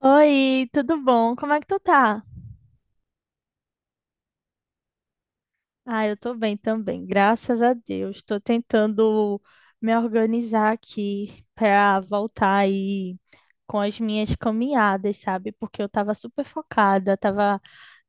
Oi, tudo bom? Como é que tu tá? Ah, eu tô bem também, graças a Deus. Tô tentando me organizar aqui pra voltar aí com as minhas caminhadas, sabe? Porque eu tava super focada, tava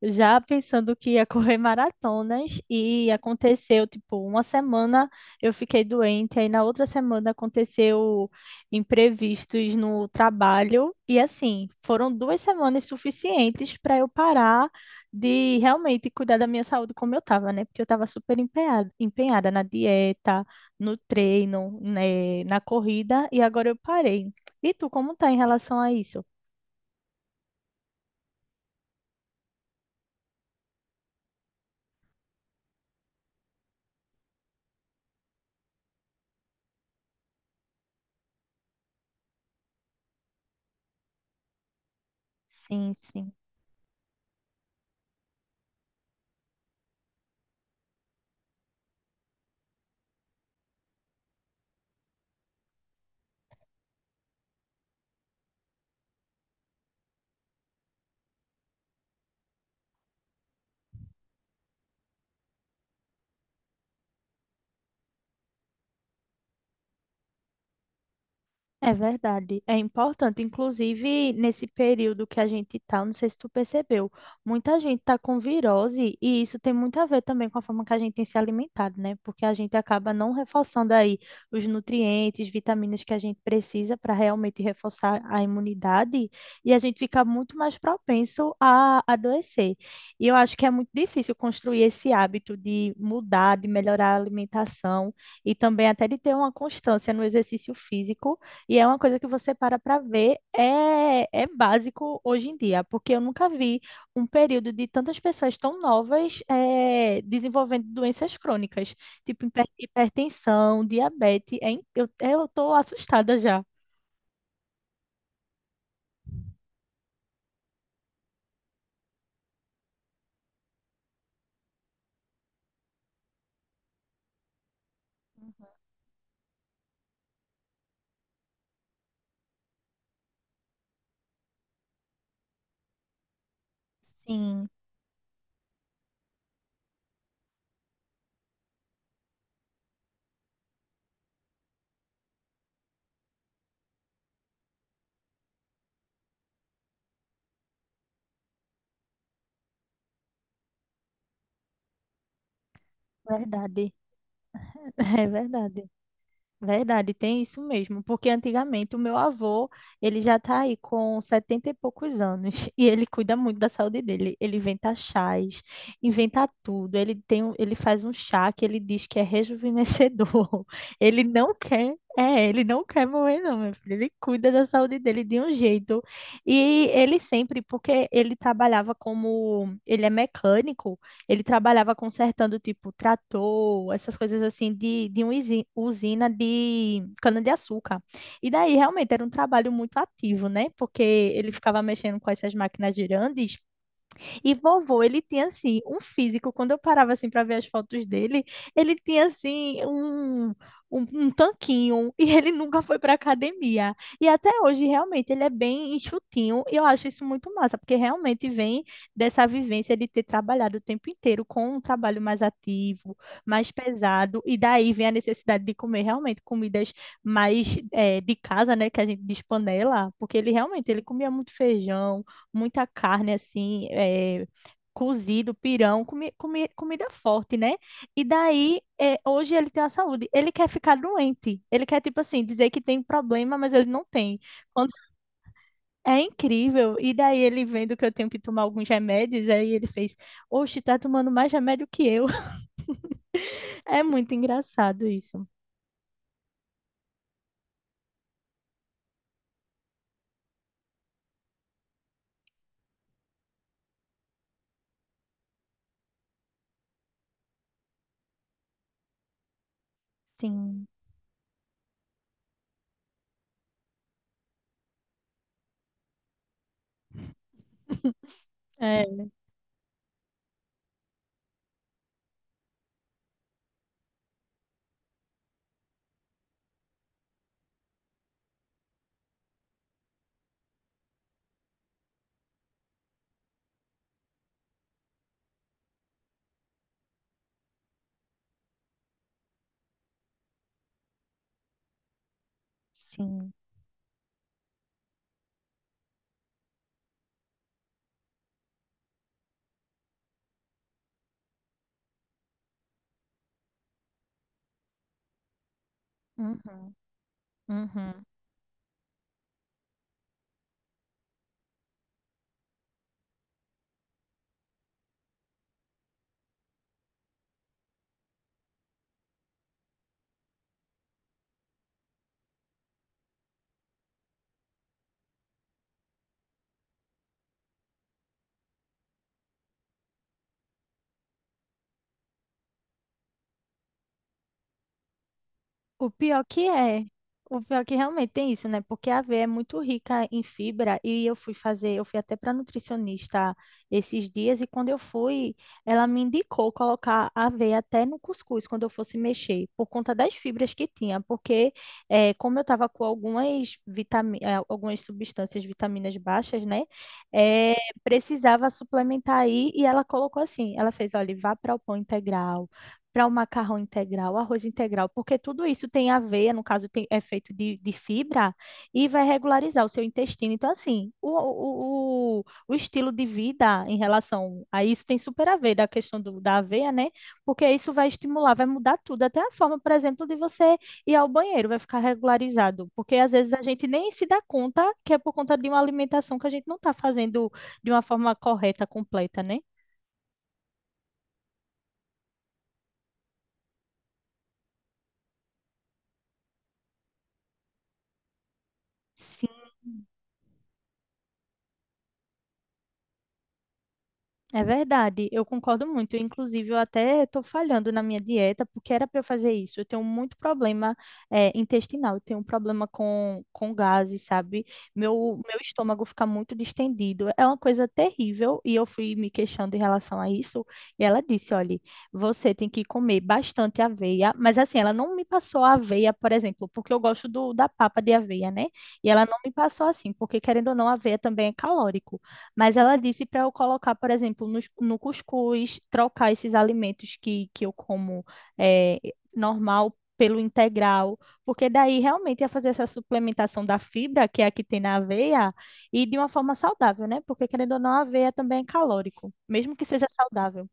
já pensando que ia correr maratonas e aconteceu, tipo, uma semana eu fiquei doente, aí na outra semana aconteceu imprevistos no trabalho e assim, foram duas semanas suficientes para eu parar de realmente cuidar da minha saúde como eu estava, né? Porque eu estava super empenhada, empenhada na dieta, no treino, né, na corrida, e agora eu parei. E tu, como tá em relação a isso? Sim, sim. É verdade, é importante. Inclusive, nesse período que a gente tá, não sei se tu percebeu, muita gente tá com virose e isso tem muito a ver também com a forma que a gente tem se alimentado, né? Porque a gente acaba não reforçando aí os nutrientes, vitaminas que a gente precisa para realmente reforçar a imunidade e a gente fica muito mais propenso a adoecer. E eu acho que é muito difícil construir esse hábito de mudar, de melhorar a alimentação e também até de ter uma constância no exercício físico e é uma coisa que você para para ver, é básico hoje em dia, porque eu nunca vi um período de tantas pessoas tão novas desenvolvendo doenças crônicas, tipo hipertensão, diabetes. Eu tô assustada já. Sim, verdade. É verdade. Verdade, tem isso mesmo, porque antigamente o meu avô, ele já tá aí com 70 e poucos anos e ele cuida muito da saúde dele. Ele inventa chás, inventa tudo. Ele faz um chá que ele diz que é rejuvenescedor. Ele não quer morrer não, meu filho. Ele cuida da saúde dele de um jeito. Porque ele trabalhava como, ele é mecânico, ele trabalhava consertando, tipo, trator, essas coisas assim, de uma usina de cana-de-açúcar. E daí, realmente, era um trabalho muito ativo, né? Porque ele ficava mexendo com essas máquinas girantes e vovô, ele tinha assim, um físico, quando eu parava assim para ver as fotos dele, ele tinha assim um tanquinho, e ele nunca foi para academia. E até hoje, realmente, ele é bem enxutinho, e eu acho isso muito massa, porque realmente vem dessa vivência de ter trabalhado o tempo inteiro com um trabalho mais ativo, mais pesado, e daí vem a necessidade de comer realmente comidas mais de casa, né, que a gente diz panela, porque ele realmente, ele comia muito feijão, muita carne assim, é, cozido, pirão, comida forte, né? E daí, é, hoje ele tem a saúde. Ele quer ficar doente. Ele quer, tipo assim, dizer que tem problema, mas ele não tem. Quando- É incrível. E daí ele vendo que eu tenho que tomar alguns remédios, aí ele fez, oxe, tá tomando mais remédio que eu. É muito engraçado isso. Sim, é, sim. Uhum, uhum. O pior que é, o pior que realmente tem isso, né? Porque a aveia é muito rica em fibra e eu fui até para nutricionista esses dias e quando eu fui, ela me indicou colocar a aveia até no cuscuz quando eu fosse mexer, por conta das fibras que tinha, porque como eu estava com algumas substâncias, vitaminas baixas, né? eh, precisava suplementar aí e ela colocou assim, ela fez, olha, vá para o pão integral para o macarrão integral, arroz integral, porque tudo isso tem aveia, no caso tem, é feito de fibra, e vai regularizar o seu intestino. Então, assim, o estilo de vida em relação a isso tem super a ver da questão do, da aveia, né? Porque isso vai estimular, vai mudar tudo, até a forma, por exemplo, de você ir ao banheiro, vai ficar regularizado, porque às vezes a gente nem se dá conta que é por conta de uma alimentação que a gente não está fazendo de uma forma correta, completa, né? Sim. É verdade, eu concordo muito. Inclusive, eu até estou falhando na minha dieta, porque era para eu fazer isso. Eu tenho muito problema intestinal, eu tenho um problema com gases, sabe? Meu estômago fica muito distendido. É uma coisa terrível, e eu fui me queixando em relação a isso. E ela disse: olha, você tem que comer bastante aveia, mas assim, ela não me passou a aveia, por exemplo, porque eu gosto do, da papa de aveia, né? E ela não me passou assim, porque querendo ou não, a aveia também é calórico. Mas ela disse para eu colocar, por exemplo, no, cuscuz, trocar esses alimentos que eu como eh, normal pelo integral, porque daí realmente ia fazer essa suplementação da fibra, que é a que tem na aveia, e de uma forma saudável, né? Porque querendo ou não, a aveia também é calórico, mesmo que seja saudável.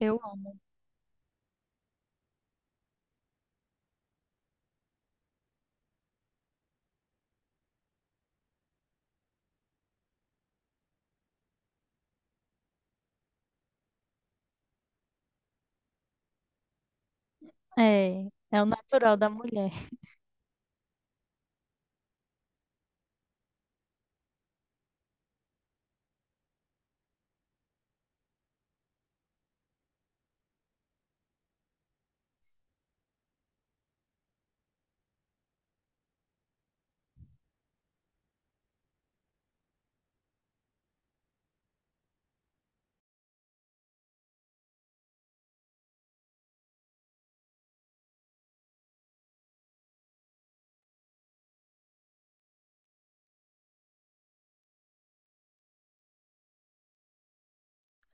Eu amo. É, é o natural da mulher.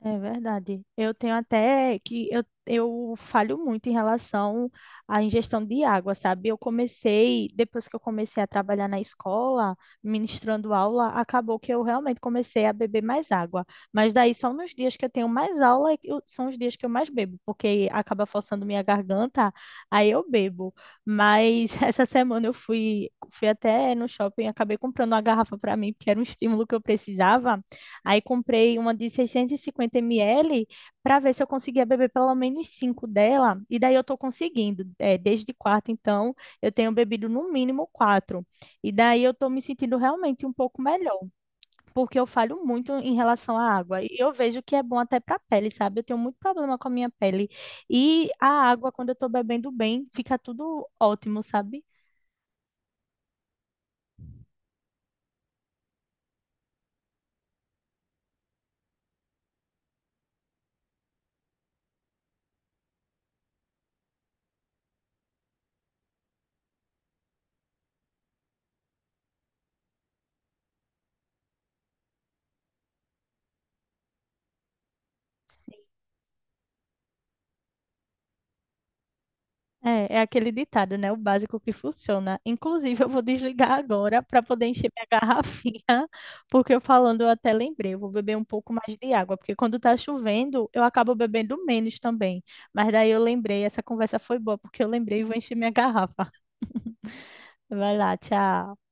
É verdade. Eu tenho até que eu falho muito em relação à ingestão de água, sabe? Eu comecei, depois que eu comecei a trabalhar na escola, ministrando aula, acabou que eu realmente comecei a beber mais água. Mas daí são nos dias que eu tenho mais aula, eu- são os dias que eu mais bebo, porque acaba forçando minha garganta, aí eu bebo. Mas essa semana fui até no shopping, acabei comprando uma garrafa para mim, porque era um estímulo que eu precisava. Aí comprei uma de 650 ml para ver se eu conseguia beber pelo menos 5 dela. E daí eu estou conseguindo. É, desde quarta, então, eu tenho bebido no mínimo quatro. E daí eu estou me sentindo realmente um pouco melhor, porque eu falho muito em relação à água. E eu vejo que é bom até para a pele, sabe? Eu tenho muito problema com a minha pele. E a água, quando eu estou bebendo bem, fica tudo ótimo, sabe? É, é aquele ditado, né? O básico que funciona. Inclusive, eu vou desligar agora para poder encher minha garrafinha, porque eu falando eu até lembrei, eu vou beber um pouco mais de água, porque quando tá chovendo, eu acabo bebendo menos também. Mas daí eu lembrei, essa conversa foi boa, porque eu lembrei e vou encher minha garrafa. Vai lá, tchau.